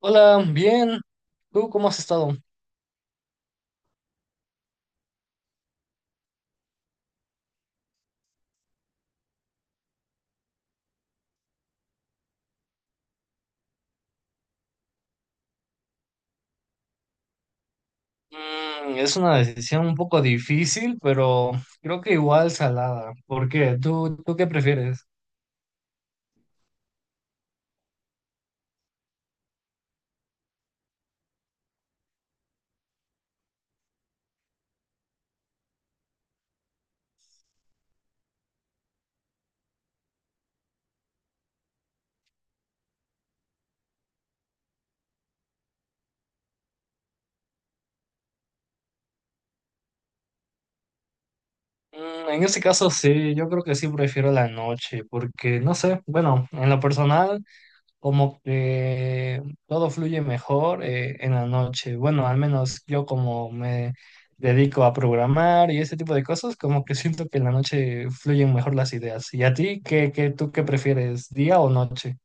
Hola, bien. ¿Tú cómo has estado? Es una decisión un poco difícil, pero creo que igual salada. ¿Por qué? ¿Tú qué prefieres? En este caso sí, yo creo que sí prefiero la noche, porque no sé, bueno, en lo personal como que todo fluye mejor en la noche. Bueno, al menos yo como me dedico a programar y ese tipo de cosas, como que siento que en la noche fluyen mejor las ideas. ¿Y a ti tú qué prefieres, día o noche?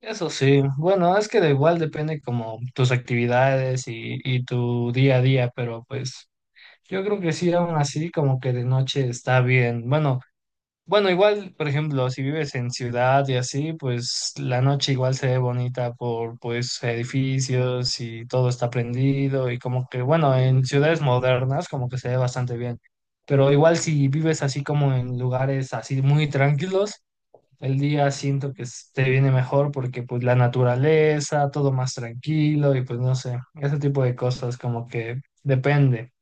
Eso sí, bueno, es que de igual depende como tus actividades y tu día a día, pero pues yo creo que sí, aún así como que de noche está bien. Bueno, bueno, igual, por ejemplo, si vives en ciudad y así, pues la noche igual se ve bonita por pues edificios y todo está prendido y como que, bueno, en ciudades modernas como que se ve bastante bien, pero igual si vives así como en lugares así muy tranquilos. El día siento que te viene mejor porque pues la naturaleza, todo más tranquilo y pues no sé, ese tipo de cosas como que depende.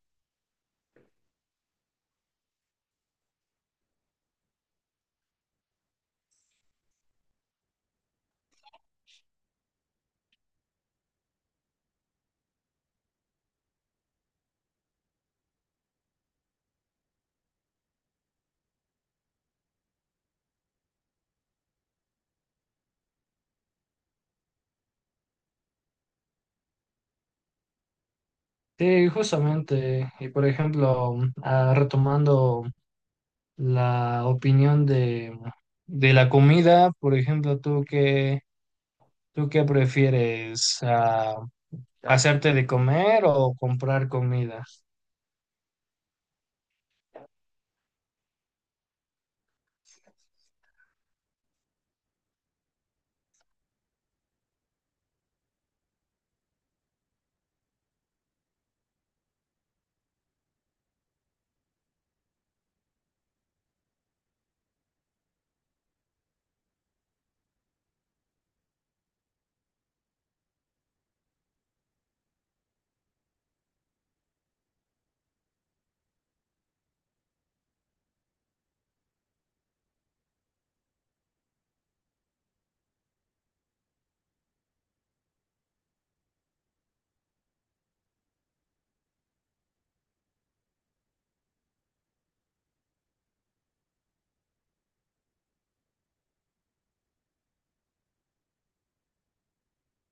Sí, justamente. Y por ejemplo, ah, retomando la opinión de la comida, por ejemplo, ¿tú qué prefieres? Ah, ¿hacerte de comer o comprar comida?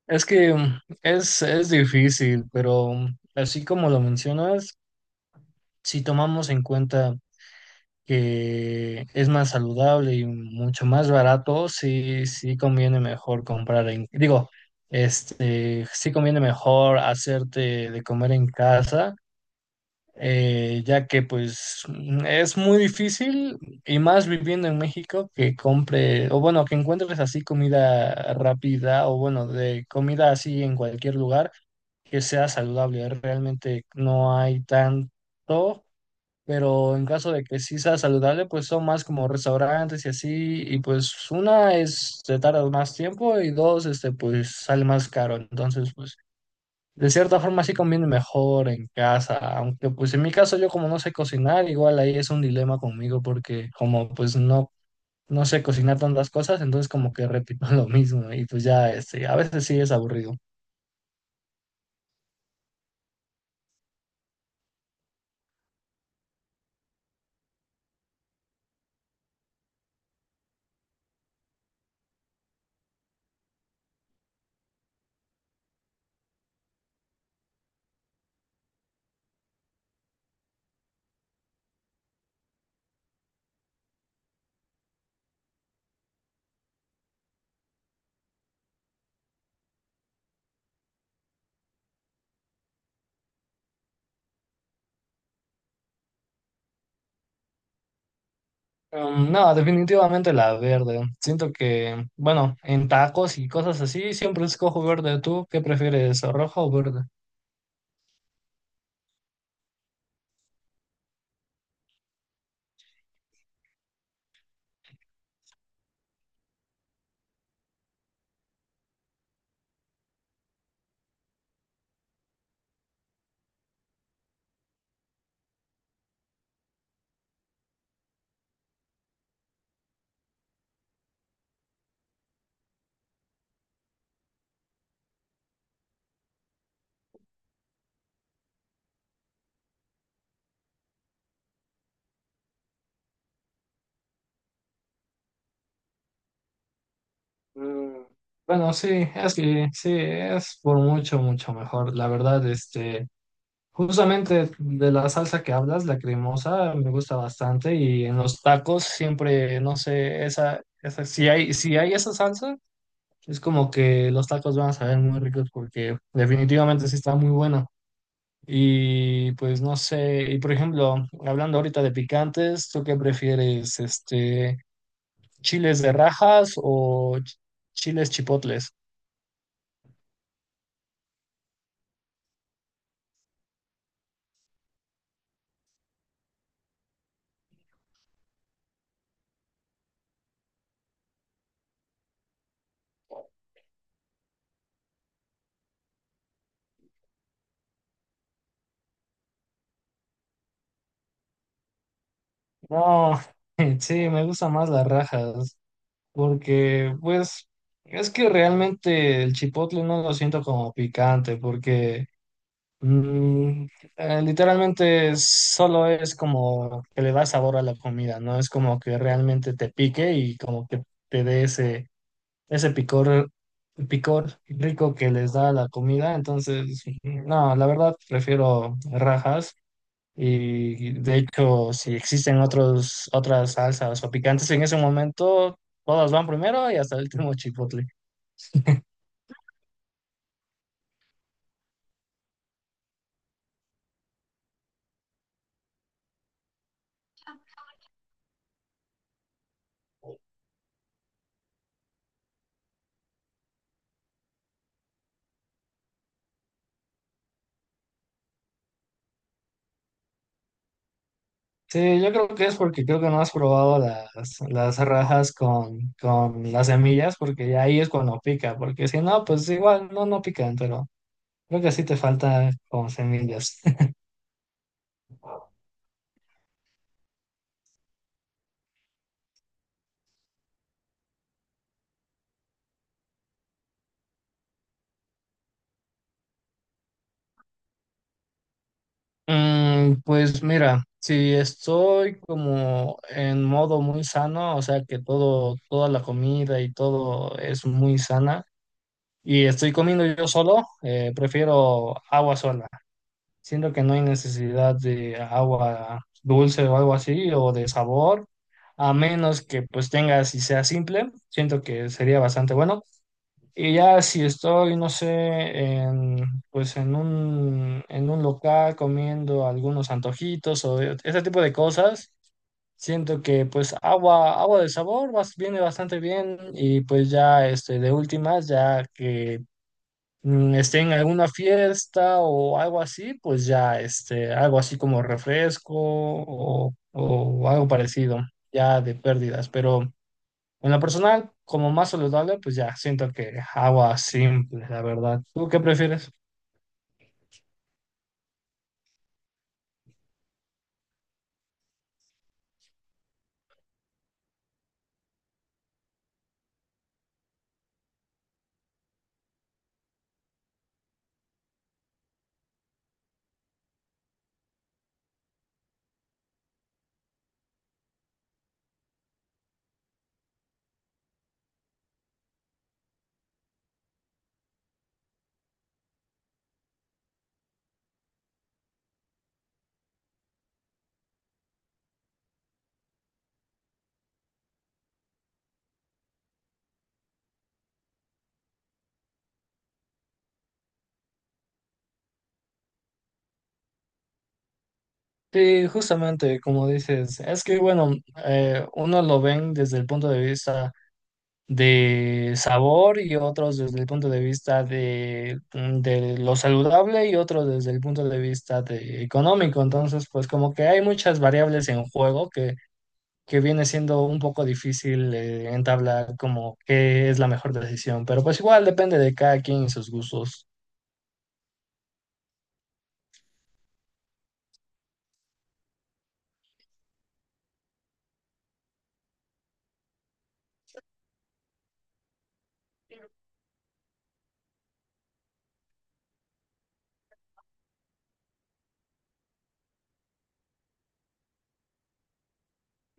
Es que es difícil, pero así como lo mencionas, si tomamos en cuenta que es más saludable y mucho más barato, sí conviene mejor comprar en, digo, este, sí conviene mejor hacerte de comer en casa, ya que pues es muy difícil y más viviendo en México que compre, o bueno, que encuentres así comida rápida o bueno, de comida así en cualquier lugar que sea saludable. Realmente no hay tanto, pero en caso de que sí sea saludable, pues son más como restaurantes y así, y pues una es, te tardas más tiempo y dos, este, pues sale más caro, entonces pues de cierta forma sí conviene mejor en casa, aunque pues en mi caso yo como no sé cocinar, igual ahí es un dilema conmigo porque como pues no... No sé cocinar tantas cosas, entonces como que repito lo mismo y pues ya este, a veces sí es aburrido. No, definitivamente la verde. Siento que, bueno, en tacos y cosas así, siempre escojo verde. ¿Tú qué prefieres, rojo o verde? Mm. Bueno, sí, es que sí, es por mucho, mucho mejor. La verdad, este, justamente de la salsa que hablas, la cremosa, me gusta bastante y en los tacos siempre, no sé, si hay, si hay esa salsa, es como que los tacos van a saber muy ricos porque definitivamente sí está muy bueno. Y pues no sé, y por ejemplo, hablando ahorita de picantes, ¿tú qué prefieres? Este, ¿chiles de rajas o chiles chipotles? No, sí, me gustan más las rajas, porque pues es que realmente el chipotle no lo siento como picante, porque mm, literalmente solo es como que le da sabor a la comida, no es como que realmente te pique y como que te dé ese picor, picor rico que les da la comida. Entonces, no, la verdad prefiero rajas. Y de hecho, si existen otras salsas o picantes en ese momento, todas van primero y hasta el último chipotle. Sí, yo creo que es porque creo que no has probado las rajas con las semillas, porque ya ahí es cuando pica, porque si no, pues igual no, no pican, pero creo que sí te falta con semillas. Pues mira, si estoy como en modo muy sano, o sea que toda la comida y todo es muy sana, y estoy comiendo yo solo, prefiero agua sola. Siento que no hay necesidad de agua dulce o algo así, o de sabor, a menos que pues tengas y sea simple. Siento que sería bastante bueno. Y ya si estoy, no sé, en un local comiendo algunos antojitos o ese tipo de cosas, siento que pues agua de sabor viene bastante bien y pues ya este, de últimas, ya que mm, esté en alguna fiesta o algo así, pues ya este, algo así como refresco o algo parecido, ya de pérdidas, pero... En lo personal, como más saludable, pues ya siento que agua simple, la verdad. ¿Tú qué prefieres? Sí, justamente como dices, es que bueno, unos lo ven desde el punto de vista de sabor y otros desde el punto de vista de, mm, de lo saludable y otros desde el punto de vista de económico. Entonces, pues como que hay muchas variables en juego que viene siendo un poco difícil entablar como qué es la mejor decisión, pero pues igual depende de cada quien y sus gustos.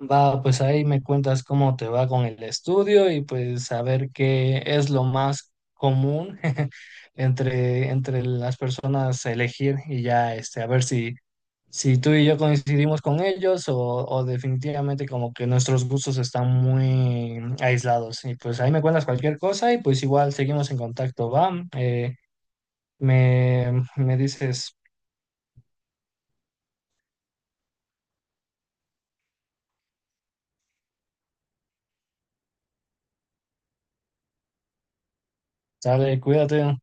Va, pues ahí me cuentas cómo te va con el estudio y pues a ver qué es lo más común entre las personas a elegir y ya este, a ver si, si tú y yo coincidimos con ellos o definitivamente como que nuestros gustos están muy aislados. Y pues ahí me cuentas cualquier cosa y pues igual seguimos en contacto, va. Eh, me dices, sale, cuídate.